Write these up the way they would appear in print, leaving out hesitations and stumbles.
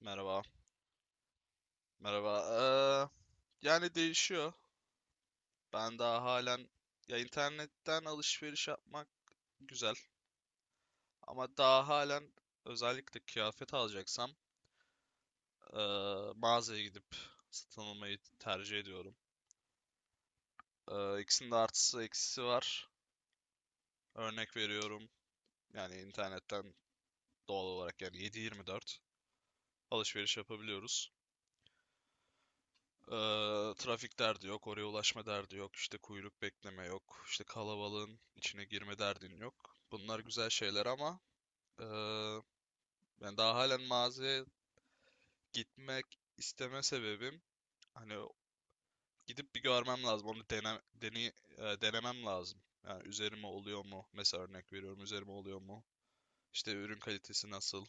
Merhaba. Merhaba. Yani değişiyor. Ben daha halen ya internetten alışveriş yapmak güzel ama daha halen özellikle kıyafet alacaksam ee, mağazaya gidip satın almayı tercih ediyorum. İkisinin de artısı eksisi var. Örnek veriyorum. Yani internetten doğal olarak yani 7/24 alışveriş yapabiliyoruz. Trafik derdi yok, oraya ulaşma derdi yok, işte kuyruk bekleme yok, işte kalabalığın içine girme derdin yok. Bunlar güzel şeyler ama eee, ben daha halen mağazaya gitmek isteme sebebim hani gidip bir görmem lazım, onu dene, dene, denemem lazım. Yani üzerime oluyor mu? Mesela örnek veriyorum, üzerime oluyor mu? İşte ürün kalitesi nasıl?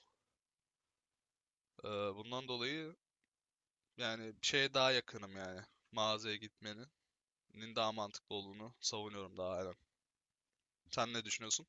Eee, bundan dolayı yani şeye daha yakınım yani mağazaya gitmenin daha mantıklı olduğunu savunuyorum daha halen. Sen ne düşünüyorsun?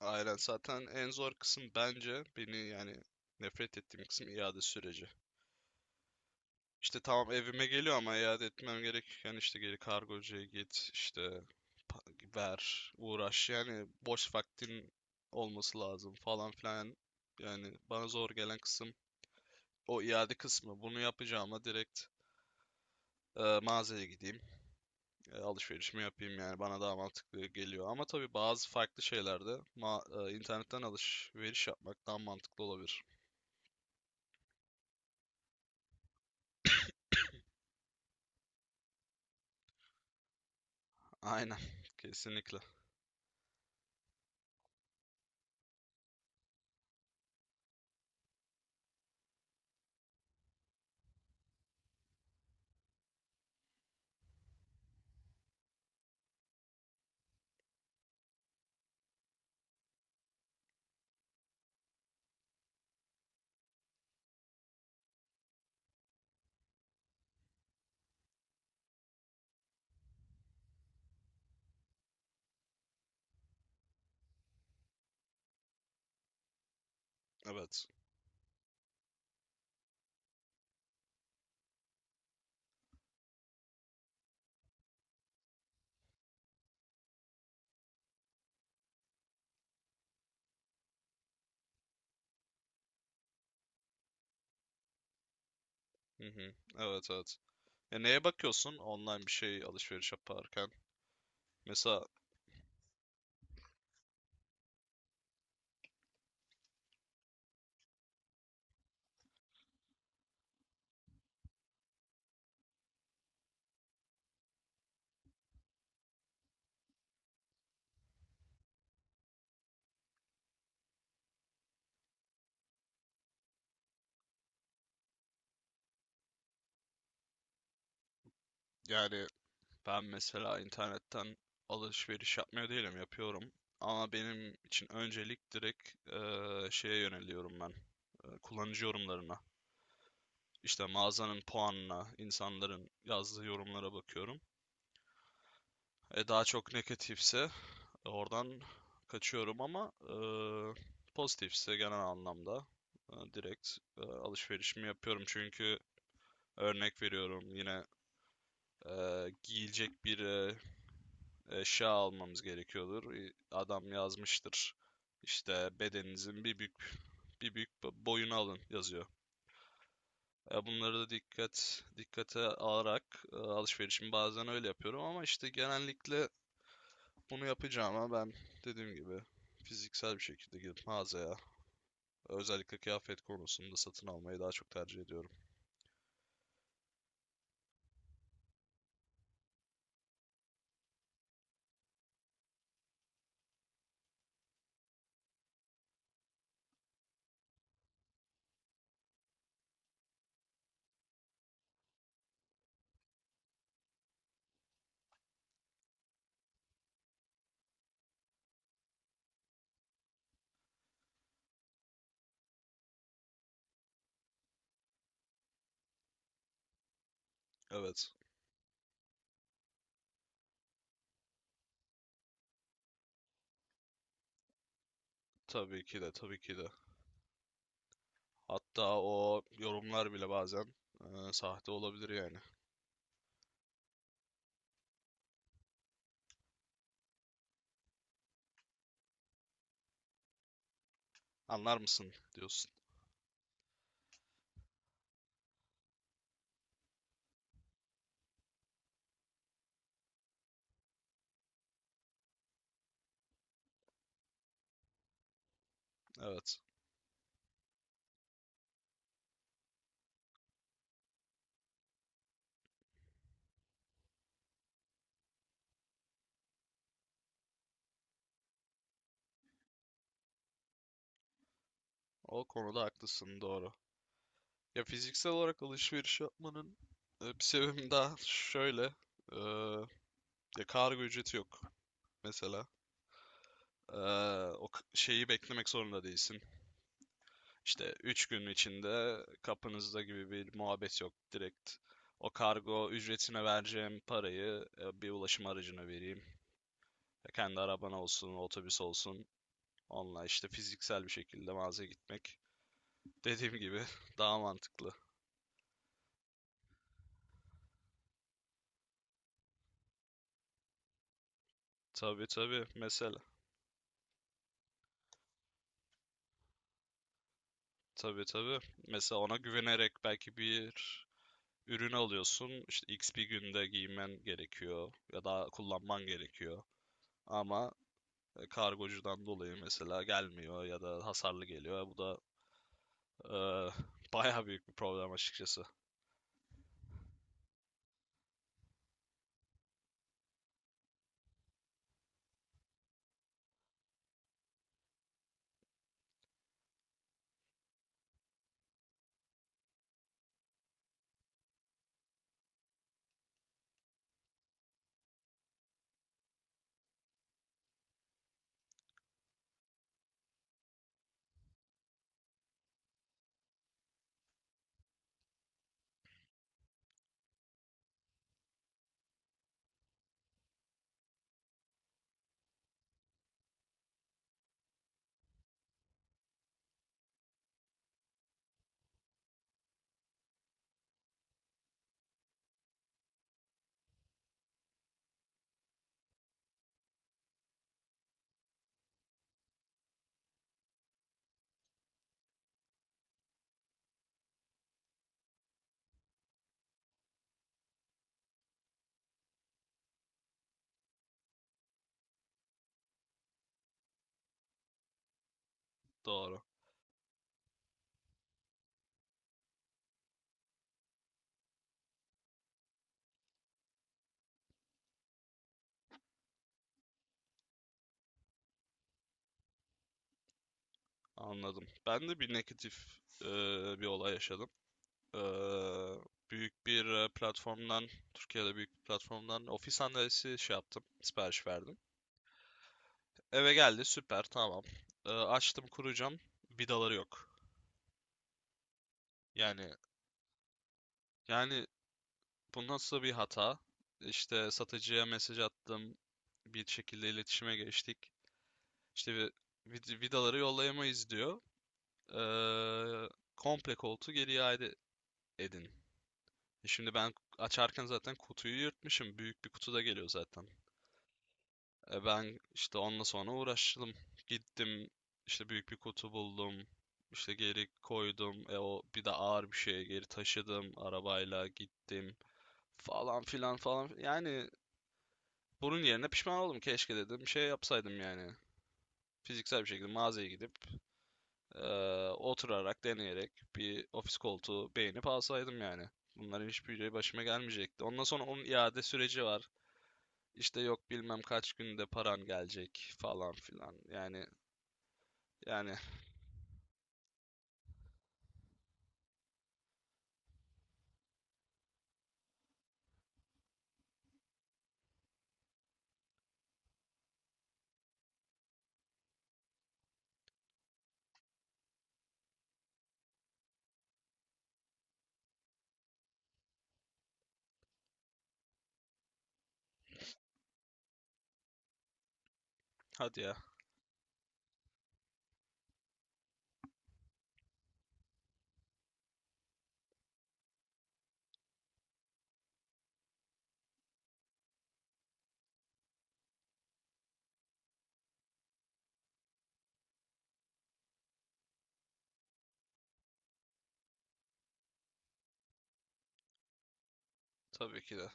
Aynen, zaten en zor kısım bence beni yani nefret ettiğim kısım iade süreci. İşte tamam, evime geliyor ama iade etmem gerek. Yani işte geri kargocuya git, işte ver, uğraş. Yani boş vaktin olması lazım falan filan. Yani bana zor gelen kısım o iade kısmı. Bunu yapacağıma direkt mağazaya gideyim, alışverişimi yapayım, yani bana daha mantıklı geliyor. Ama tabii bazı farklı şeylerde internetten alışveriş yapmak daha mantıklı olabilir. Aynen. Kesinlikle. Evet. Hı hı. Evet, evet. Ya neye bakıyorsun online bir şey alışveriş yaparken? Mesela yani ben mesela internetten alışveriş yapmıyor değilim, yapıyorum. Ama benim için öncelik direkt şeye yöneliyorum ben. Kullanıcı yorumlarına. İşte mağazanın puanına, insanların yazdığı yorumlara bakıyorum. E, daha çok negatifse oradan kaçıyorum ama pozitifse genel anlamda direkt alışverişimi yapıyorum. Çünkü örnek veriyorum yine, giyilecek bir eşya almamız gerekiyordur. Adam yazmıştır işte, bedeninizin bir büyük boyunu alın yazıyor. Bunları da dikkate alarak alışverişimi bazen öyle yapıyorum ama işte genellikle bunu yapacağım ama ben, dediğim gibi, fiziksel bir şekilde gidip mağazaya, özellikle kıyafet konusunda, satın almayı daha çok tercih ediyorum. Evet. Tabii ki de, tabii ki de. Hatta o yorumlar bile bazen sahte olabilir yani. Anlar mısın diyorsun. Evet. O konuda haklısın, doğru. Ya fiziksel olarak alışveriş yapmanın bir sebebi daha şöyle. e, ya kargo ücreti yok mesela. E, o şeyi beklemek zorunda değilsin. İşte 3 gün içinde kapınızda gibi bir muhabbet yok. Direkt o kargo ücretine vereceğim parayı bir ulaşım aracına vereyim. Kendi araban olsun, otobüs olsun. Onunla işte fiziksel bir şekilde mağazaya gitmek. Dediğim gibi, daha mantıklı. Tabii tabii, mesela. Tabii tabii. Mesela ona güvenerek belki bir ürün alıyorsun. İşte X bir günde giymen gerekiyor ya da kullanman gerekiyor. Ama kargocudan dolayı mesela gelmiyor ya da hasarlı geliyor. Bu da e, bayağı büyük bir problem açıkçası. Doğru. Anladım. Ben de bir negatif e, bir olay yaşadım. E, büyük bir platformdan, Türkiye'de büyük bir platformdan, ofis sandalyesi şey yaptım, sipariş verdim. Eve geldi, süper, tamam. Açtım, kuracağım, vidaları yok. Yani, yani, bu nasıl bir hata? İşte satıcıya mesaj attım, bir şekilde iletişime geçtik. İşte vidaları yollayamayız diyor. Ee, komple koltuğu geri iade edin. Şimdi ben açarken zaten kutuyu yırtmışım. Büyük bir kutu da geliyor zaten. Ben işte onunla sonra uğraştım. Gittim, işte büyük bir kutu buldum. İşte geri koydum. O bir de ağır bir şeye, geri taşıdım. Arabayla gittim. Falan filan falan. Yani bunun yerine pişman oldum. Keşke dedim şey yapsaydım yani. Fiziksel bir şekilde mağazaya gidip, Ee, oturarak, deneyerek bir ofis koltuğu beğenip alsaydım yani. Bunların hiçbiri başıma gelmeyecekti. Ondan sonra onun iade süreci var. İşte yok bilmem kaç günde paran gelecek falan filan. Yani, hadi ya, tabii ki de.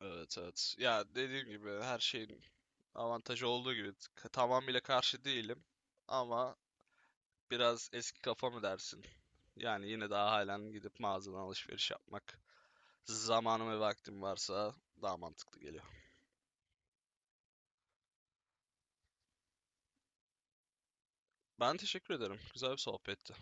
Evet, evet. Ya dediğim gibi, her şeyin avantajı olduğu gibi, tamamıyla karşı değilim. Ama biraz eski kafa mı dersin? Yani yine daha halen gidip mağazadan alışveriş yapmak, zamanım ve vaktim varsa, daha mantıklı geliyor. Ben teşekkür ederim. Güzel bir sohbetti.